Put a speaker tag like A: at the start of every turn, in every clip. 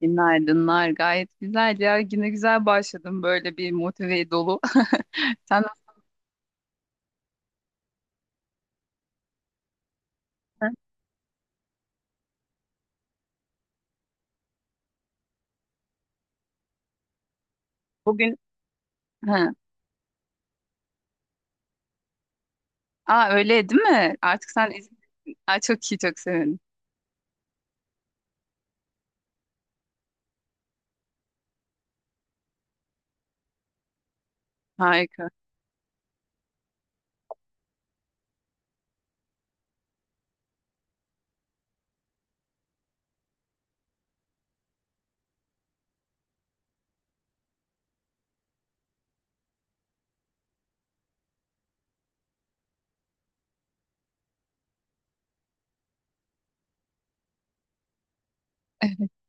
A: Günaydınlar. Gayet güzel ya. Güne güzel başladım böyle bir motive dolu. Sen nasılsın? Bugün ha. Aa öyle değil mi? Artık sen izin. Aa, çok iyi çok sevindim. Harika.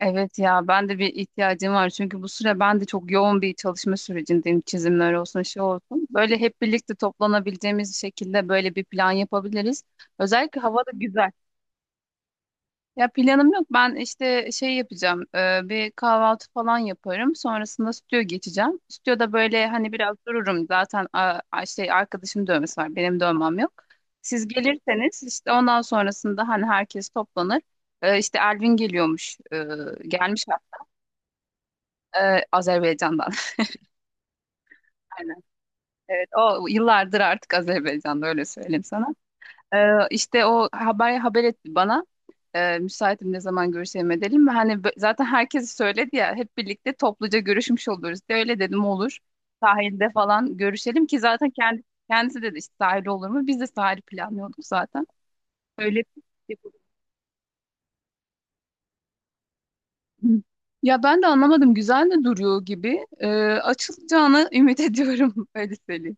A: Evet ya ben de bir ihtiyacım var çünkü bu süre ben de çok yoğun bir çalışma sürecindeyim. Çizimler olsun şey olsun. Böyle hep birlikte toplanabileceğimiz şekilde böyle bir plan yapabiliriz. Özellikle hava da güzel. Ya planım yok. Ben işte şey yapacağım. Bir kahvaltı falan yaparım. Sonrasında stüdyo geçeceğim. Stüdyoda böyle hani biraz dururum. Zaten a, şey arkadaşım dövmesi var. Benim dövmem yok. Siz gelirseniz işte ondan sonrasında hani herkes toplanır. İşte Elvin geliyormuş. Gelmiş Azerbaycan'dan. Aynen. Evet. O yıllardır artık Azerbaycan'da öyle söyleyeyim sana. Ee, işte o haber etti bana. Müsaitim, ne zaman görüşelim edelim mi? Hani zaten herkes söyledi ya, hep birlikte topluca görüşmüş oluruz diye öyle dedim olur. Sahilde falan görüşelim ki zaten kendisi dedi işte, sahil olur mu? Biz de sahil planlıyorduk zaten. Öyle yapalım. Ya ben de anlamadım, güzel de duruyor gibi. Açılacağını ümit ediyorum öyle söyleyeyim.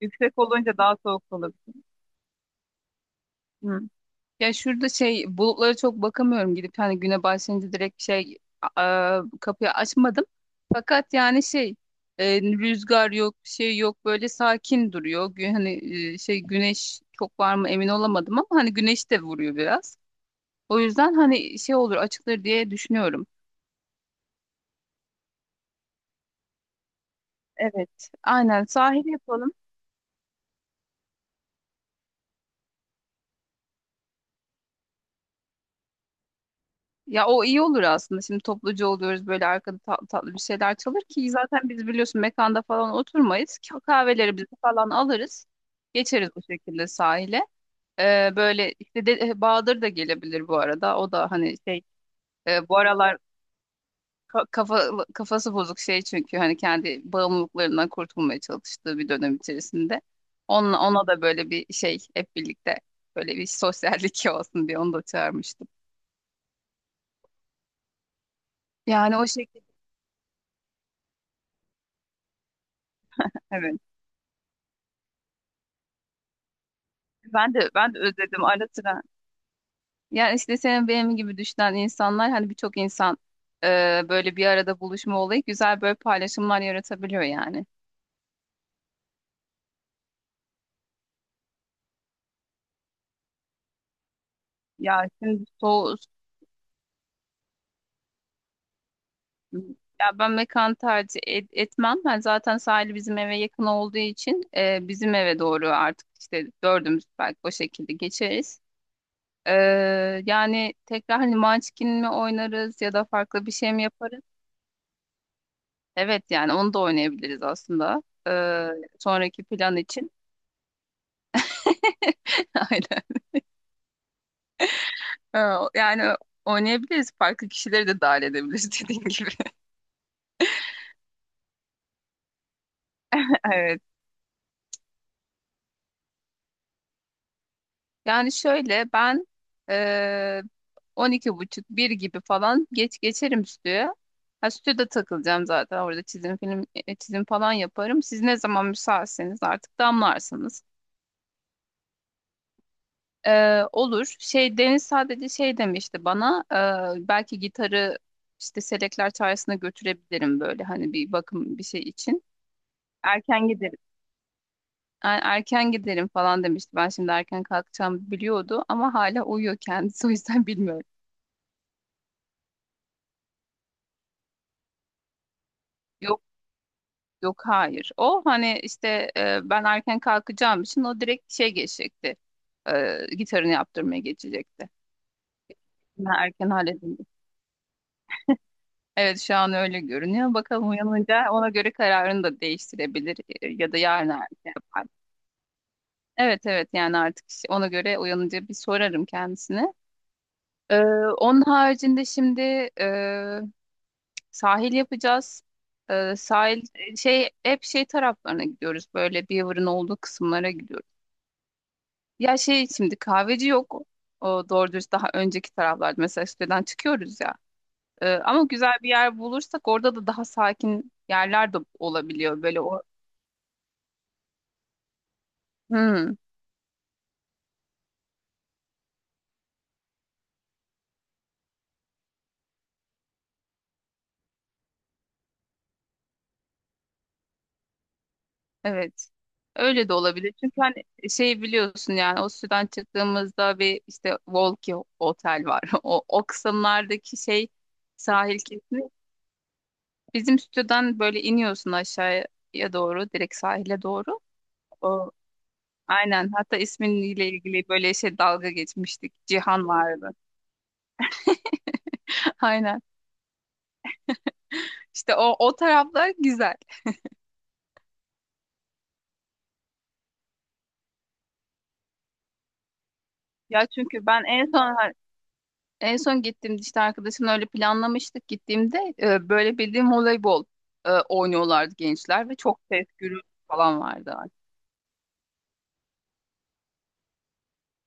A: Yüksek olunca daha soğuk olur. Ya şurada şey bulutlara çok bakamıyorum, gidip hani güne başlayınca direkt şey kapıyı açmadım. Fakat yani şey rüzgar yok bir şey yok, böyle sakin duruyor. Hani şey güneş çok var mı emin olamadım ama hani güneş de vuruyor biraz. O yüzden hani şey olur açılır diye düşünüyorum. Evet aynen, sahil yapalım. Ya o iyi olur aslında. Şimdi topluca oluyoruz, böyle arkada tatlı tatlı bir şeyler çalır ki zaten biz biliyorsun mekanda falan oturmayız. Kahvelerimizi falan alırız. Geçeriz bu şekilde sahile. Böyle işte de, Bahadır da gelebilir bu arada. O da hani şey bu aralar kafa, kafası bozuk şey, çünkü hani kendi bağımlılıklarından kurtulmaya çalıştığı bir dönem içerisinde. Onunla, ona da böyle bir şey, hep birlikte böyle bir sosyallik olsun diye onu da çağırmıştım. Yani o şekilde, evet. Ben de özledim ara sıra. Yani işte senin benim gibi düşünen insanlar, hani birçok insan böyle bir arada buluşma olayı güzel böyle paylaşımlar yaratabiliyor yani. Ya şimdi so Ya ben mekan tercih etmem. Ben zaten sahili bizim eve yakın olduğu için bizim eve doğru artık işte dördümüz belki o şekilde geçeriz. E, Yani tekrar hani Munchkin mi oynarız ya da farklı bir şey mi yaparız? Evet yani onu da oynayabiliriz aslında. E, Sonraki plan için. Aynen. Ha, yani oynayabiliriz. Farklı kişileri de dahil edebiliriz dediğin gibi. Evet. Yani şöyle ben eee 12 buçuk bir gibi falan geç geçerim stüdyoya. Ha, stüdyoda takılacağım zaten. Orada çizim film çizim falan yaparım. Siz ne zaman müsaitseniz artık damlarsınız. Olur. Şey Deniz sadece şey demişti bana. Belki gitarı işte Selekler Çağrısı'na götürebilirim böyle hani bir bakım bir şey için. Erken Erken giderim falan demişti. Ben şimdi erken kalkacağım biliyordu ama hala uyuyor kendisi o yüzden bilmiyorum. Yok yok hayır. O hani işte ben erken kalkacağım için o direkt şey geçecekti. Gitarını yaptırmaya geçecekti. Ben erken halledildi. Evet şu an öyle görünüyor. Bakalım uyanınca ona göre kararını da değiştirebilir ya da yarın erken yapar. Evet evet, yani artık işte ona göre uyanınca bir sorarım kendisine. Ee, Onun haricinde şimdi e, sahil yapacağız. Sahil şey, hep şey taraflarına gidiyoruz. Böyle Beaver'ın olduğu kısımlara gidiyoruz. Ya şey şimdi kahveci yok. O doğru dürüst daha önceki taraflarda, mesela siteden çıkıyoruz ya. Ama güzel bir yer bulursak orada da daha sakin yerler de olabiliyor. Böyle o. Hmm, evet. Öyle de olabilir. Çünkü hani şey biliyorsun, yani o siteden çıktığımızda bir işte Volki Otel var. O, o kısımlardaki şey sahil kesimi. Bizim stüdyodan böyle iniyorsun aşağıya doğru, direkt sahile doğru. O, aynen. Hatta isminle ilgili böyle şey dalga geçmiştik. Cihan vardı. Aynen. İşte o taraflar güzel. Ya çünkü ben en son gittiğimde işte arkadaşımla öyle planlamıştık, gittiğimde böyle bildiğim voleybol oynuyorlardı gençler ve çok ses gürültü falan vardı.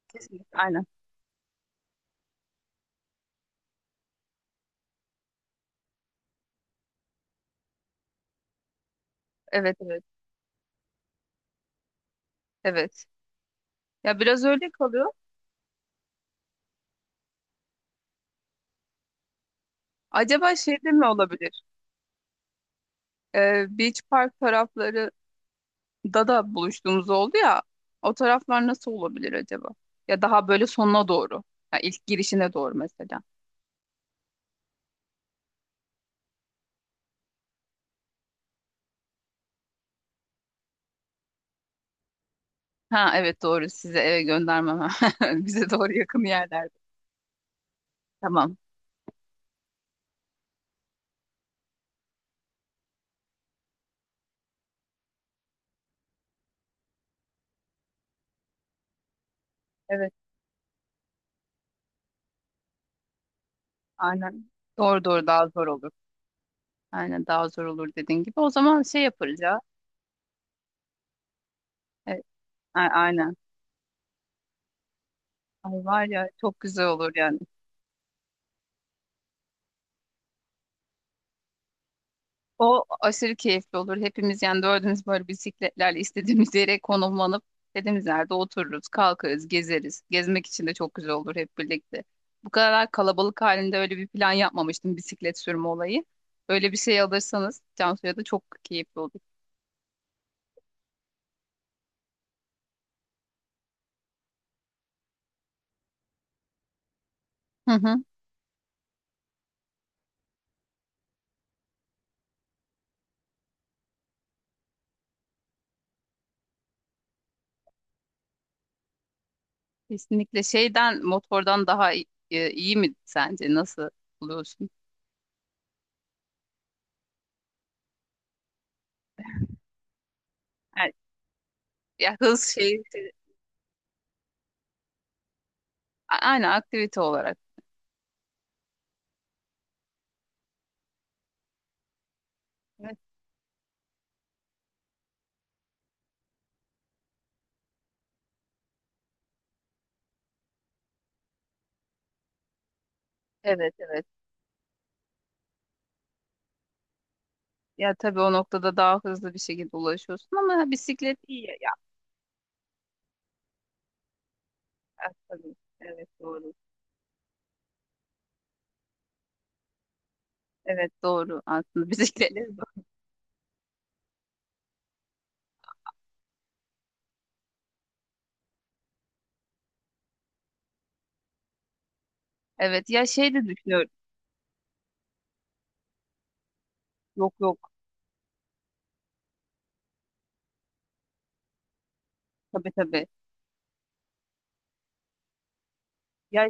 A: Kesinlikle. Aynen. Evet evet. Evet. Ya biraz öyle kalıyor. Acaba şeyde mi olabilir? Beach Park tarafları da buluştuğumuz oldu ya, o taraflar nasıl olabilir acaba? Ya daha böyle sonuna doğru. Ya ilk girişine doğru mesela. Ha evet doğru, size eve göndermem. Bize doğru yakın yerlerde. Tamam. Evet aynen. Doğru doğru, daha zor olur. Aynen daha zor olur dediğin gibi. O zaman şey yaparız ya. Evet, aynen. Ay var ya, çok güzel olur yani. O aşırı keyifli olur. Hepimiz yani dördümüz böyle bisikletlerle istediğimiz yere konumlanıp istediğimiz yerde otururuz, kalkarız, gezeriz. Gezmek için de çok güzel olur hep birlikte. Bu kadar kalabalık halinde öyle bir plan yapmamıştım bisiklet sürme olayı. Böyle bir şey alırsanız Cansu'ya da çok keyifli olur. Hı hı. Kesinlikle şeyden motordan daha iyi mi sence? Nasıl buluyorsun? Yani, ya hız şey, aynen aktivite olarak. Evet, evet. Evet. Ya tabii o noktada daha hızlı bir şekilde ulaşıyorsun ama bisiklet iyi ya. Ya, tabii. Evet doğru. Evet doğru aslında bisiklet. Evet ya şey de düşünüyorum. Yok yok, tabii tabii. Ya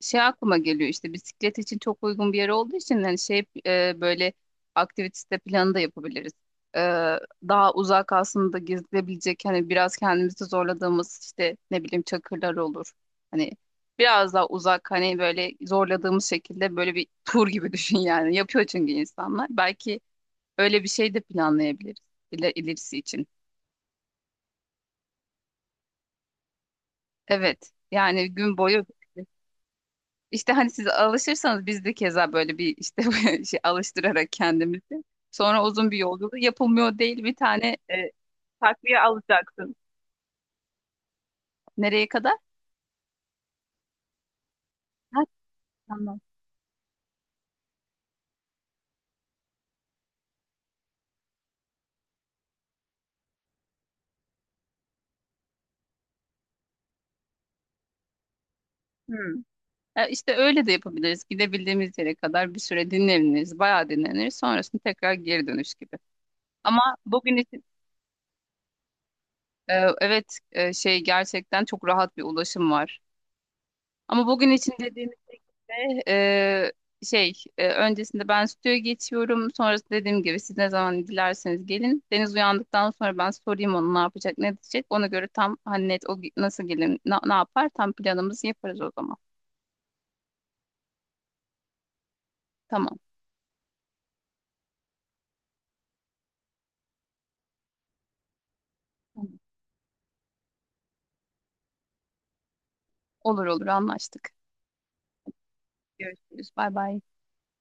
A: şey aklıma geliyor, işte bisiklet için çok uygun bir yer olduğu için hani şey böyle aktivite planı da yapabiliriz. E, Daha uzak aslında gezilebilecek, hani biraz kendimizi zorladığımız işte ne bileyim çakırlar olur. Hani biraz daha uzak, hani böyle zorladığımız şekilde böyle bir tur gibi düşün yani. Yapıyor çünkü insanlar. Belki öyle bir şey de planlayabiliriz ilerisi için. Evet yani gün boyu. İşte hani siz alışırsanız biz de keza böyle bir işte böyle şey alıştırarak kendimizi. Sonra uzun bir yolculuk yapılmıyor değil bir tane takviye alacaksın. Nereye kadar? Ha, tamam. Hmm. İşte öyle de yapabiliriz. Gidebildiğimiz yere kadar bir süre dinleniriz. Bayağı dinleniriz. Sonrasında tekrar geri dönüş gibi. Ama bugün için e, evet şey gerçekten çok rahat bir ulaşım var. Ama bugün için dediğim Eee, şey öncesinde ben stüdyoya geçiyorum. Sonrası dediğim gibi siz ne zaman dilerseniz gelin. Deniz uyandıktan sonra ben sorayım onu ne yapacak ne diyecek. Ona göre tam hani net nasıl gelin ne, yapar tam planımızı yaparız o zaman. Tamam. Tamam. Olur olur, anlaştık. Görüşürüz. Bay bay.